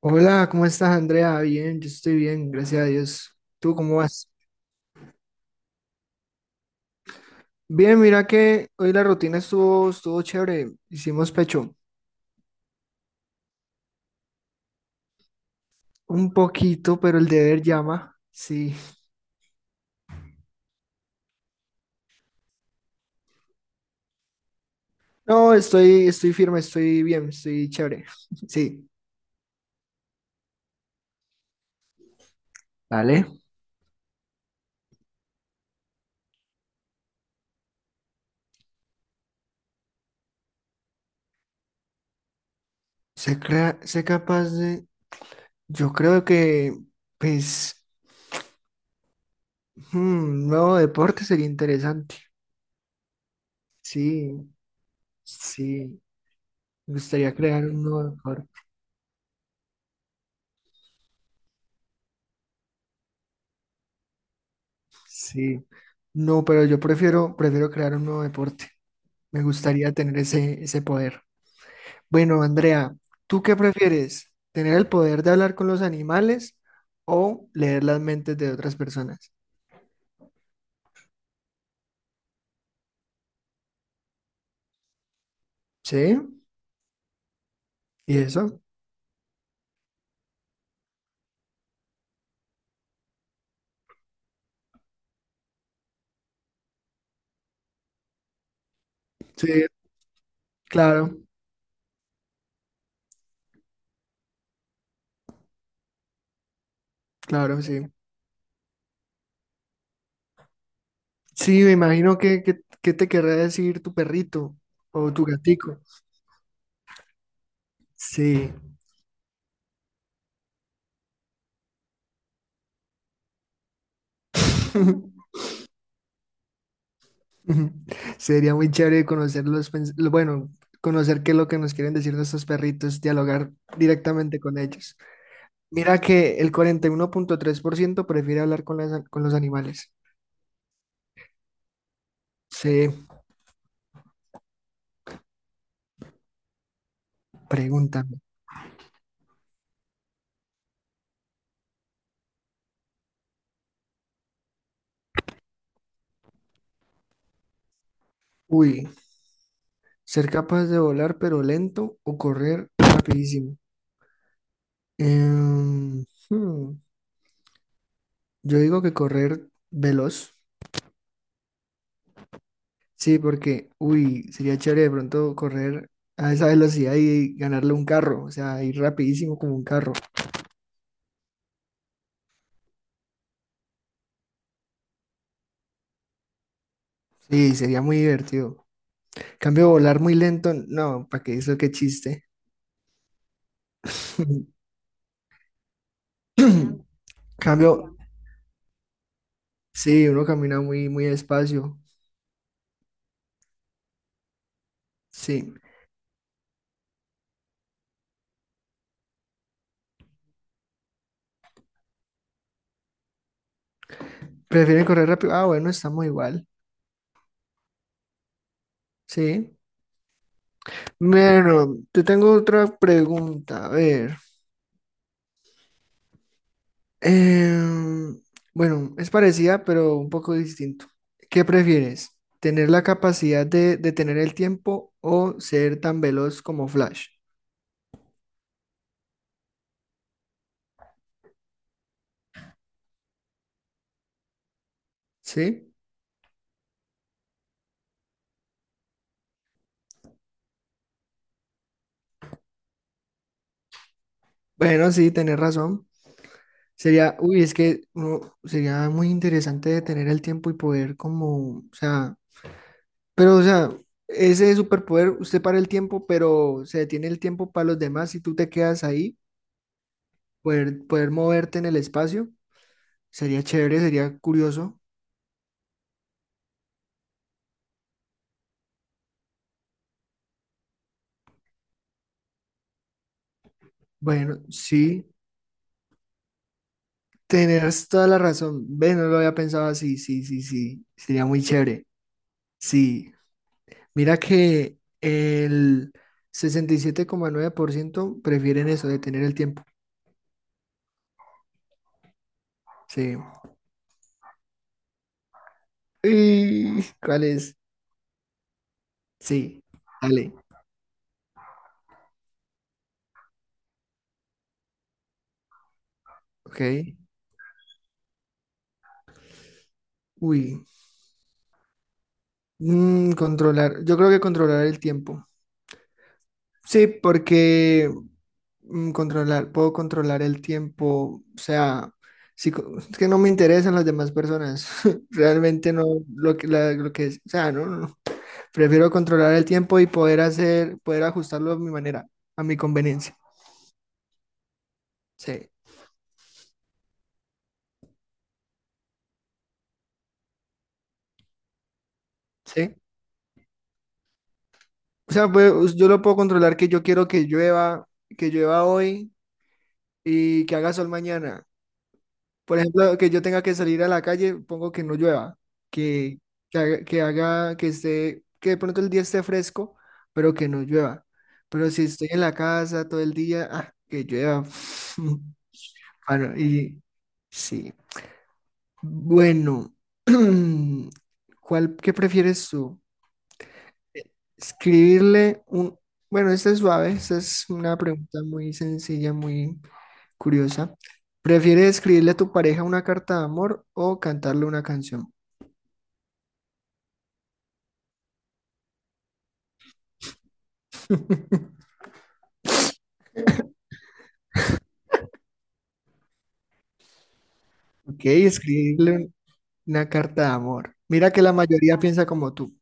Hola, ¿cómo estás, Andrea? Bien, yo estoy bien, gracias a Dios. ¿Tú cómo vas? Bien, mira que hoy la rutina estuvo chévere. Hicimos pecho un poquito, pero el deber llama. Sí. No, estoy firme, estoy bien, estoy chévere. Sí. Dale. Sé capaz de. Yo creo que, pues, un nuevo deporte sería interesante. Sí, sí. Me gustaría crear un nuevo deporte. Sí, no, pero yo prefiero crear un nuevo deporte. Me gustaría tener ese poder. Bueno, Andrea, ¿tú qué prefieres? ¿Tener el poder de hablar con los animales o leer las mentes de otras personas? Sí, ¿y eso? Sí, claro, claro, sí. Sí, me imagino que te querrá decir tu perrito o tu gatico. Sí. Ujú. Sería muy chévere conocer bueno, conocer qué es lo que nos quieren decir nuestros perritos, dialogar directamente con ellos. Mira que el 41,3% prefiere hablar con con los animales. Se preguntan, uy, ser capaz de volar pero lento o correr rapidísimo. Em, hmm, yo digo que correr veloz, sí, porque, uy, sería chévere de pronto correr a esa velocidad y ganarle un carro, o sea, ir rapidísimo como un carro. Sí, sería muy divertido. Cambio volar muy lento, no, ¿para qué eso? Qué chiste. Una Cambio, sí, uno camina muy, muy despacio. Sí. ¿Prefieren correr rápido? Ah, bueno, estamos igual. Sí. Bueno, te tengo otra pregunta. A ver. Em, bueno, es parecida, pero un poco distinto. ¿Qué prefieres? ¿Tener la capacidad de detener el tiempo o ser tan veloz como Flash? Sí. Bueno, sí, tenés razón. Sería, uy, es que no, sería muy interesante de tener el tiempo y poder como, o sea, pero o sea, ese superpoder, usted para el tiempo, pero se detiene el tiempo para los demás y tú te quedas ahí, poder moverte en el espacio, sería chévere, sería curioso. Bueno, sí, tenés toda la razón. Ve, no lo había pensado así, sí, sí, sí, sería muy chévere. Sí, mira que el 67,9% prefieren eso, detener el tiempo. Sí. Uy, ¿cuál es? Sí, dale. Ok. Uy. Mm, controlar. Yo creo que controlar el tiempo. Sí, porque puedo controlar el tiempo. O sea, sí, es que no me interesan las demás personas. Realmente no lo que es. O sea, no, no. No. Prefiero controlar el tiempo y poder ajustarlo a mi manera, a mi conveniencia. Sí, sí. O sea, pues, yo lo puedo controlar que yo quiero que llueva, hoy y que haga sol mañana. Por ejemplo, que yo tenga que salir a la calle, pongo que no llueva, que, que haga, que haga que esté, que de pronto el día esté fresco, pero que no llueva. Pero si estoy en la casa todo el día, ah, que llueva. Bueno, y sí. Bueno, ¿Qué prefieres tú? Escribirle un, bueno, esta es suave, esta es una pregunta muy sencilla, muy curiosa. ¿Prefieres escribirle a tu pareja una carta de amor o cantarle una canción? Ok, escribirle una carta de amor. Mira que la mayoría piensa como tú,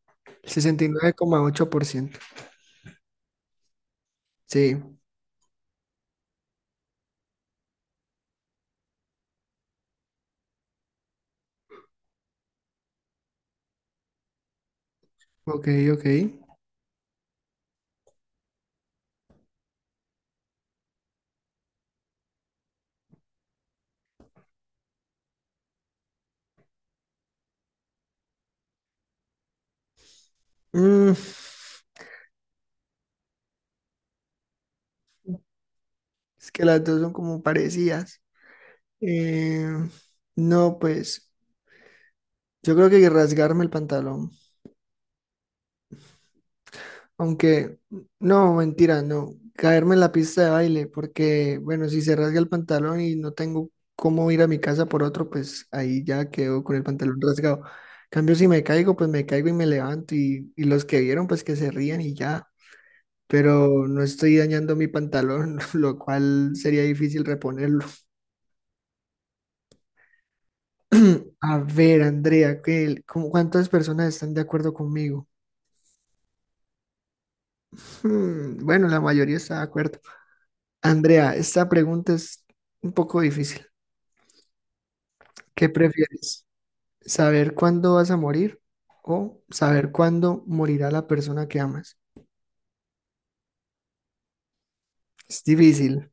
el 69,8%. Sí, ok, ok. Mm, es que las dos son como parecidas. Eh, no, pues yo creo que rasgarme el pantalón. Aunque, no, mentira, no. Caerme en la pista de baile, porque, bueno, si se rasga el pantalón y no tengo cómo ir a mi casa por otro, pues ahí ya quedo con el pantalón rasgado. En cambio, si me caigo, pues me caigo y me levanto y los que vieron, pues que se rían y ya. Pero no estoy dañando mi pantalón, lo cual sería difícil reponerlo. A ver, Andrea, ¿ cuántas personas están de acuerdo conmigo? Bueno, la mayoría está de acuerdo. Andrea, esta pregunta es un poco difícil. ¿Qué prefieres? ¿Saber cuándo vas a morir o saber cuándo morirá la persona que amas? Es difícil,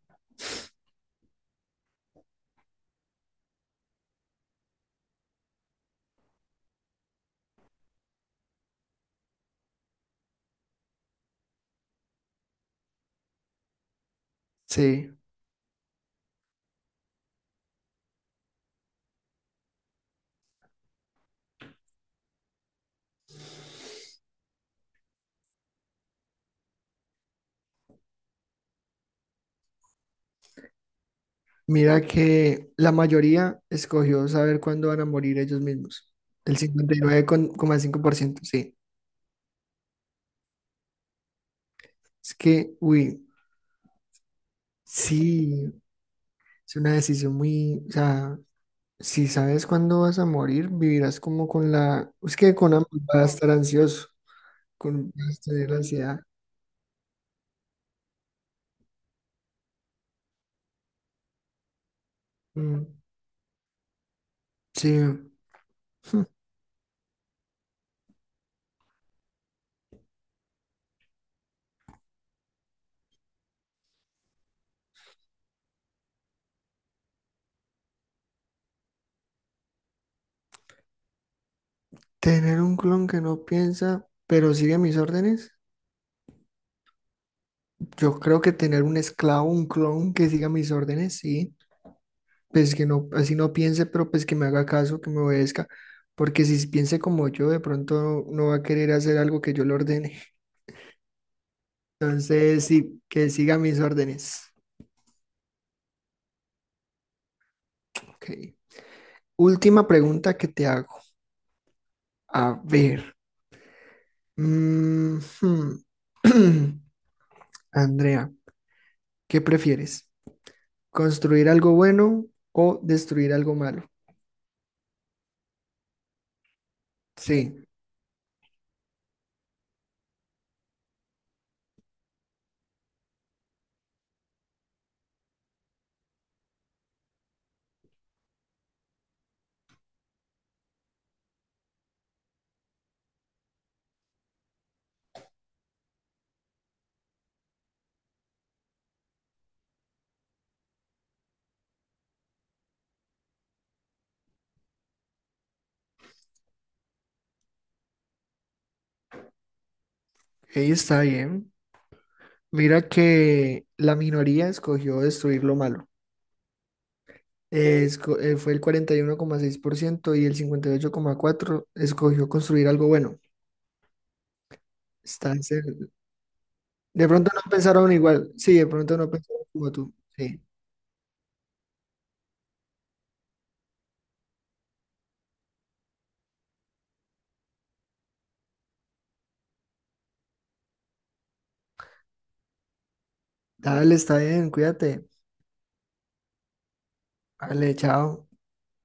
sí. Mira que la mayoría escogió saber cuándo van a morir ellos mismos. El 59,5%. Sí. Es que, uy, sí, es una decisión muy, o sea, si sabes cuándo vas a morir, vivirás como con la, es que con ambos vas a estar ansioso, con vas a tener ansiedad. Mm, sí, Hmm. Tener un clon que no piensa, pero sigue mis órdenes. Yo creo que tener un esclavo, un clon que siga mis órdenes, sí. Pues que no, así no piense, pero pues que me haga caso, que me obedezca. Porque si piense como yo, de pronto no va a querer hacer algo que yo le ordene. Entonces, sí, que siga mis órdenes. Ok. Última pregunta que te hago. A ver. Mm, hmm. Andrea, ¿qué prefieres? Construir algo bueno o destruir algo malo. Sí, ahí está bien. Mira que la minoría escogió destruir lo malo. Fue el 41,6% y 1,6% y el 58,4% escogió construir algo bueno. Está cer-. De pronto no pensaron igual. Sí, de pronto no pensaron como tú. Sí. Dale, está bien, cuídate. Vale, chao.